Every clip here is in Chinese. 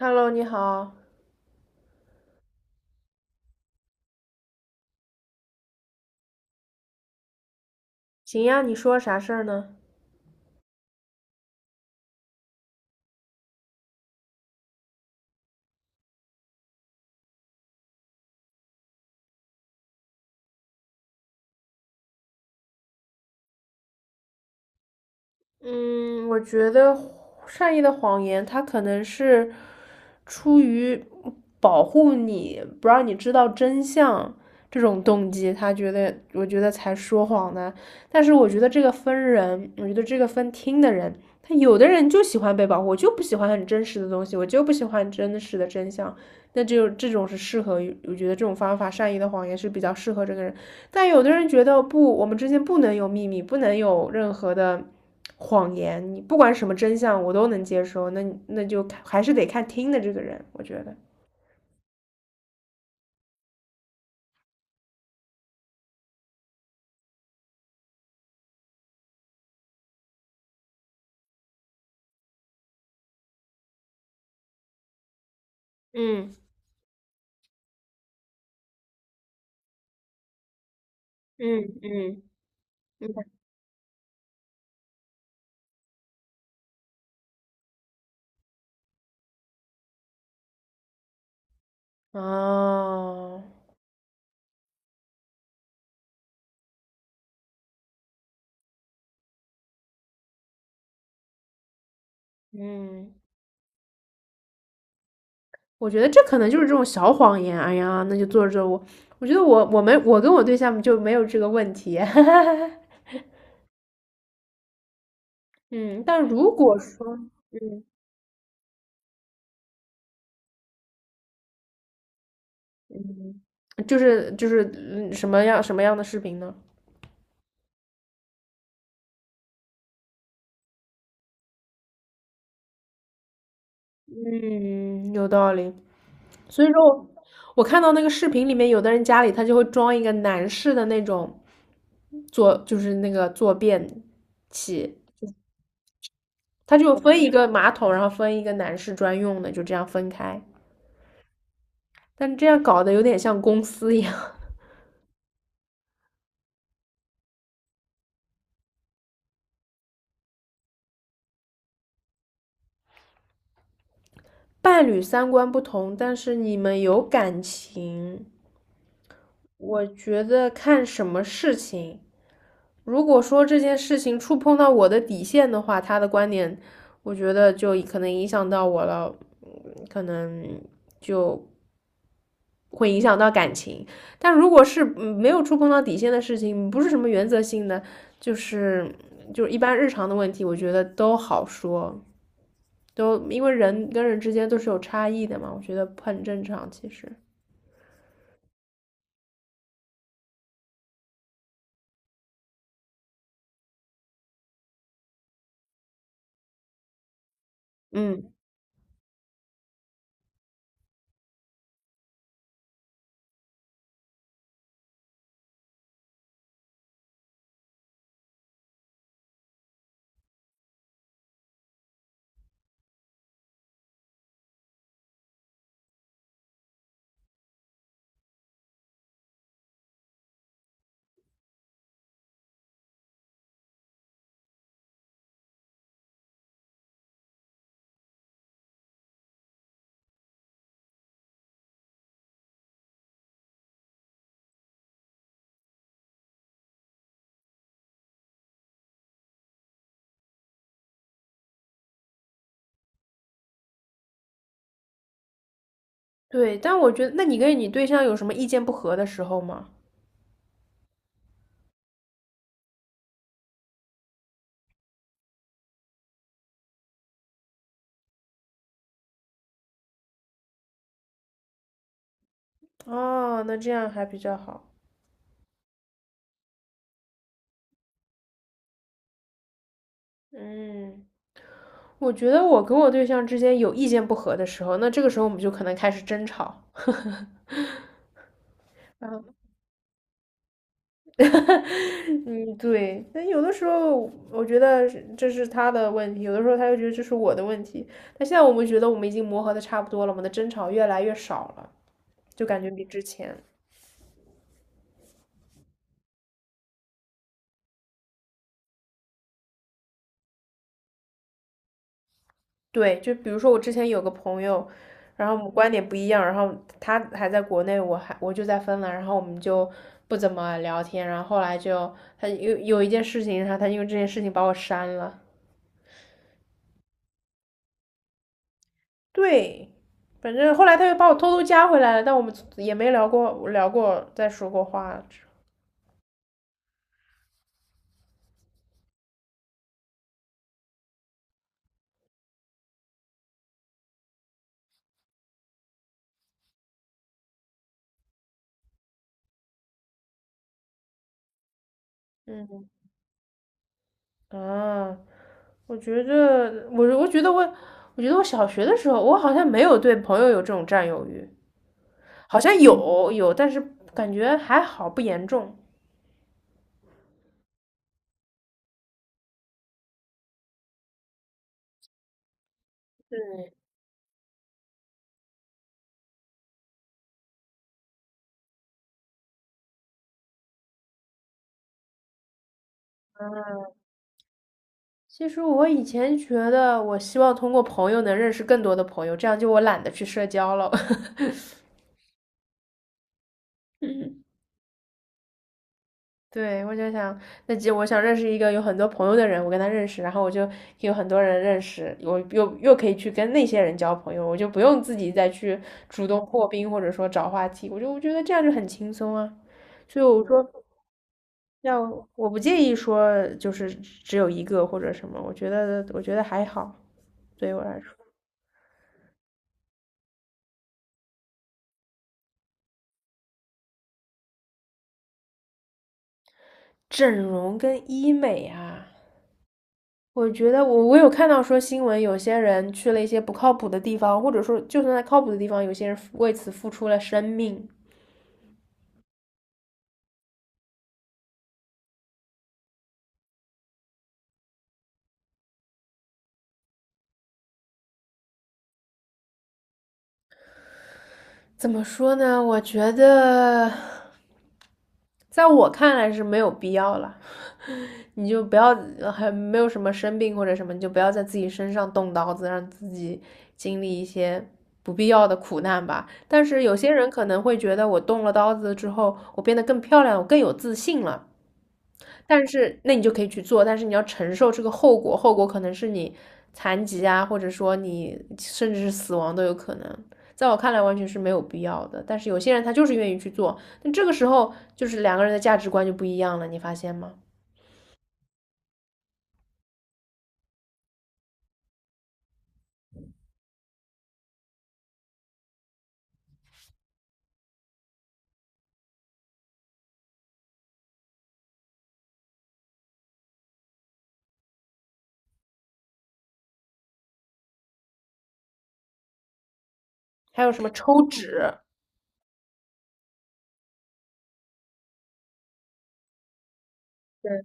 Hello，你好，行呀，你说啥事儿呢？嗯，我觉得善意的谎言，它可能是出于保护你，不让你知道真相这种动机，他觉得，我觉得才说谎的。但是我觉得这个分人，我觉得这个分听的人，他有的人就喜欢被保护，我就不喜欢很真实的东西，我就不喜欢真实的真相。那只有这种是适合我觉得这种方法善意的谎言是比较适合这个人。但有的人觉得不，我们之间不能有秘密，不能有任何的谎言，你不管什么真相我都能接受，那那就还是得看听的这个人，我觉得。嗯，嗯，嗯，嗯，哦，嗯，我觉得这可能就是这种小谎言。哎呀，那就做着我，我觉得我我们我跟我对象就没有这个问题。嗯，但如果说，嗯。嗯，就是什么样的视频呢？嗯，有道理。所以说我，我看到那个视频里面，有的人家里他就会装一个男士的那种坐，就是那个坐便器，他就分一个马桶，然后分一个男士专用的，就这样分开。但这样搞得有点像公司一样，伴侣三观不同，但是你们有感情。我觉得看什么事情。如果说这件事情触碰到我的底线的话，他的观点，我觉得就可能影响到我了，嗯，可能就会影响到感情。但如果是没有触碰到底线的事情，不是什么原则性的，就是就是一般日常的问题，我觉得都好说，都因为人跟人之间都是有差异的嘛，我觉得很正常。其实，嗯，对。但我觉得，那你跟你对象有什么意见不合的时候吗？哦，那这样还比较好。嗯，我觉得我跟我对象之间有意见不合的时候，那这个时候我们就可能开始争吵。嗯，嗯，对。但有的时候我觉得是这是他的问题，有的时候他又觉得这是我的问题。但现在我们觉得我们已经磨合的差不多了，我们的争吵越来越少了，就感觉比之前。对，就比如说我之前有个朋友，然后我们观点不一样，然后他还在国内，我就在芬兰，然后我们就不怎么聊天，然后后来就他有一件事情，然后他因为这件事情把我删了。对，反正后来他又把我偷偷加回来了，但我们也没聊过再说过话。嗯，啊，我觉得我我觉得我我觉得我小学的时候，我好像没有对朋友有这种占有欲。好像有，但是感觉还好，不严重。对，其实我以前觉得，我希望通过朋友能认识更多的朋友，这样就我懒得去社交了。嗯，对，我就想，那就我想认识一个有很多朋友的人，我跟他认识，然后我就有很多人认识，我又可以去跟那些人交朋友，我就不用自己再去主动破冰或者说找话题，我觉得这样就很轻松啊。所以我说，要我不介意说就是只有一个或者什么，我觉得还好，对于我来说，整容跟医美啊，我觉得我我有看到说新闻，有些人去了一些不靠谱的地方，或者说就算在靠谱的地方，有些人为此付出了生命。怎么说呢？我觉得在我看来是没有必要了。你就不要还没有什么生病或者什么，你就不要在自己身上动刀子，让自己经历一些不必要的苦难吧。但是有些人可能会觉得，我动了刀子之后，我变得更漂亮，我更有自信了。但是那你就可以去做，但是你要承受这个后果，后果可能是你残疾啊，或者说你甚至是死亡都有可能。在我看来，完全是没有必要的。但是有些人他就是愿意去做，那这个时候就是两个人的价值观就不一样了，你发现吗？还有什么抽脂？对，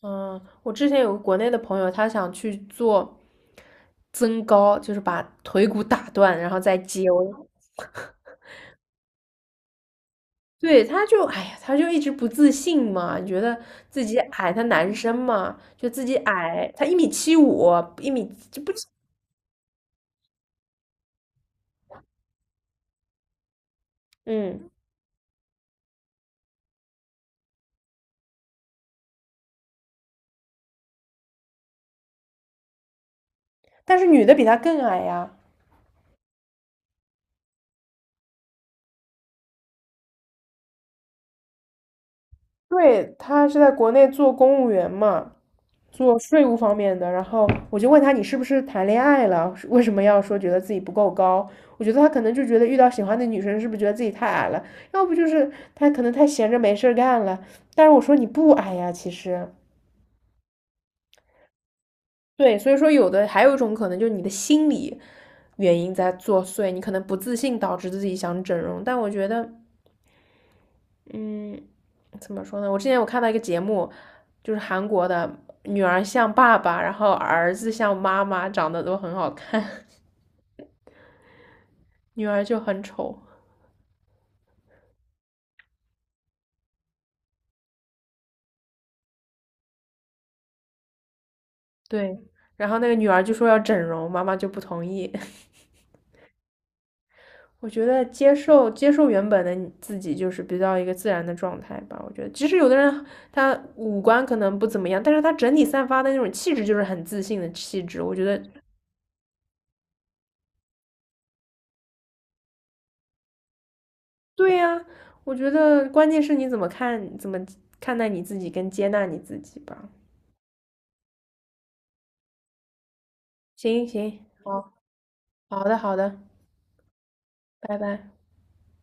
嗯，我之前有个国内的朋友，他想去做增高，就是把腿骨打断，然后再接。我，对，他就，哎呀，他就一直不自信嘛，觉得自己矮，他男生嘛，就自己矮，他1米75，一米就不，嗯，但是女的比他更矮呀。对，他是在国内做公务员嘛，做税务方面的，然后我就问他你是不是谈恋爱了？为什么要说觉得自己不够高？我觉得他可能就觉得遇到喜欢的女生是不是觉得自己太矮了？要不就是他可能太闲着没事儿干了。但是我说你不矮呀，其实对，所以说有的还有一种可能就是你的心理原因在作祟，你可能不自信导致自己想整容。但我觉得，嗯，怎么说呢？我之前我看到一个节目，就是韩国的女儿像爸爸，然后儿子像妈妈，长得都很好看。女儿就很丑，对。然后那个女儿就说要整容，妈妈就不同意。我觉得接受原本的你自己，就是比较一个自然的状态吧。我觉得，其实有的人他五官可能不怎么样，但是他整体散发的那种气质就是很自信的气质。我觉得，对呀、我觉得关键是你怎么看，怎么看待你自己跟接纳你自己吧。行行，好好的好的，拜拜。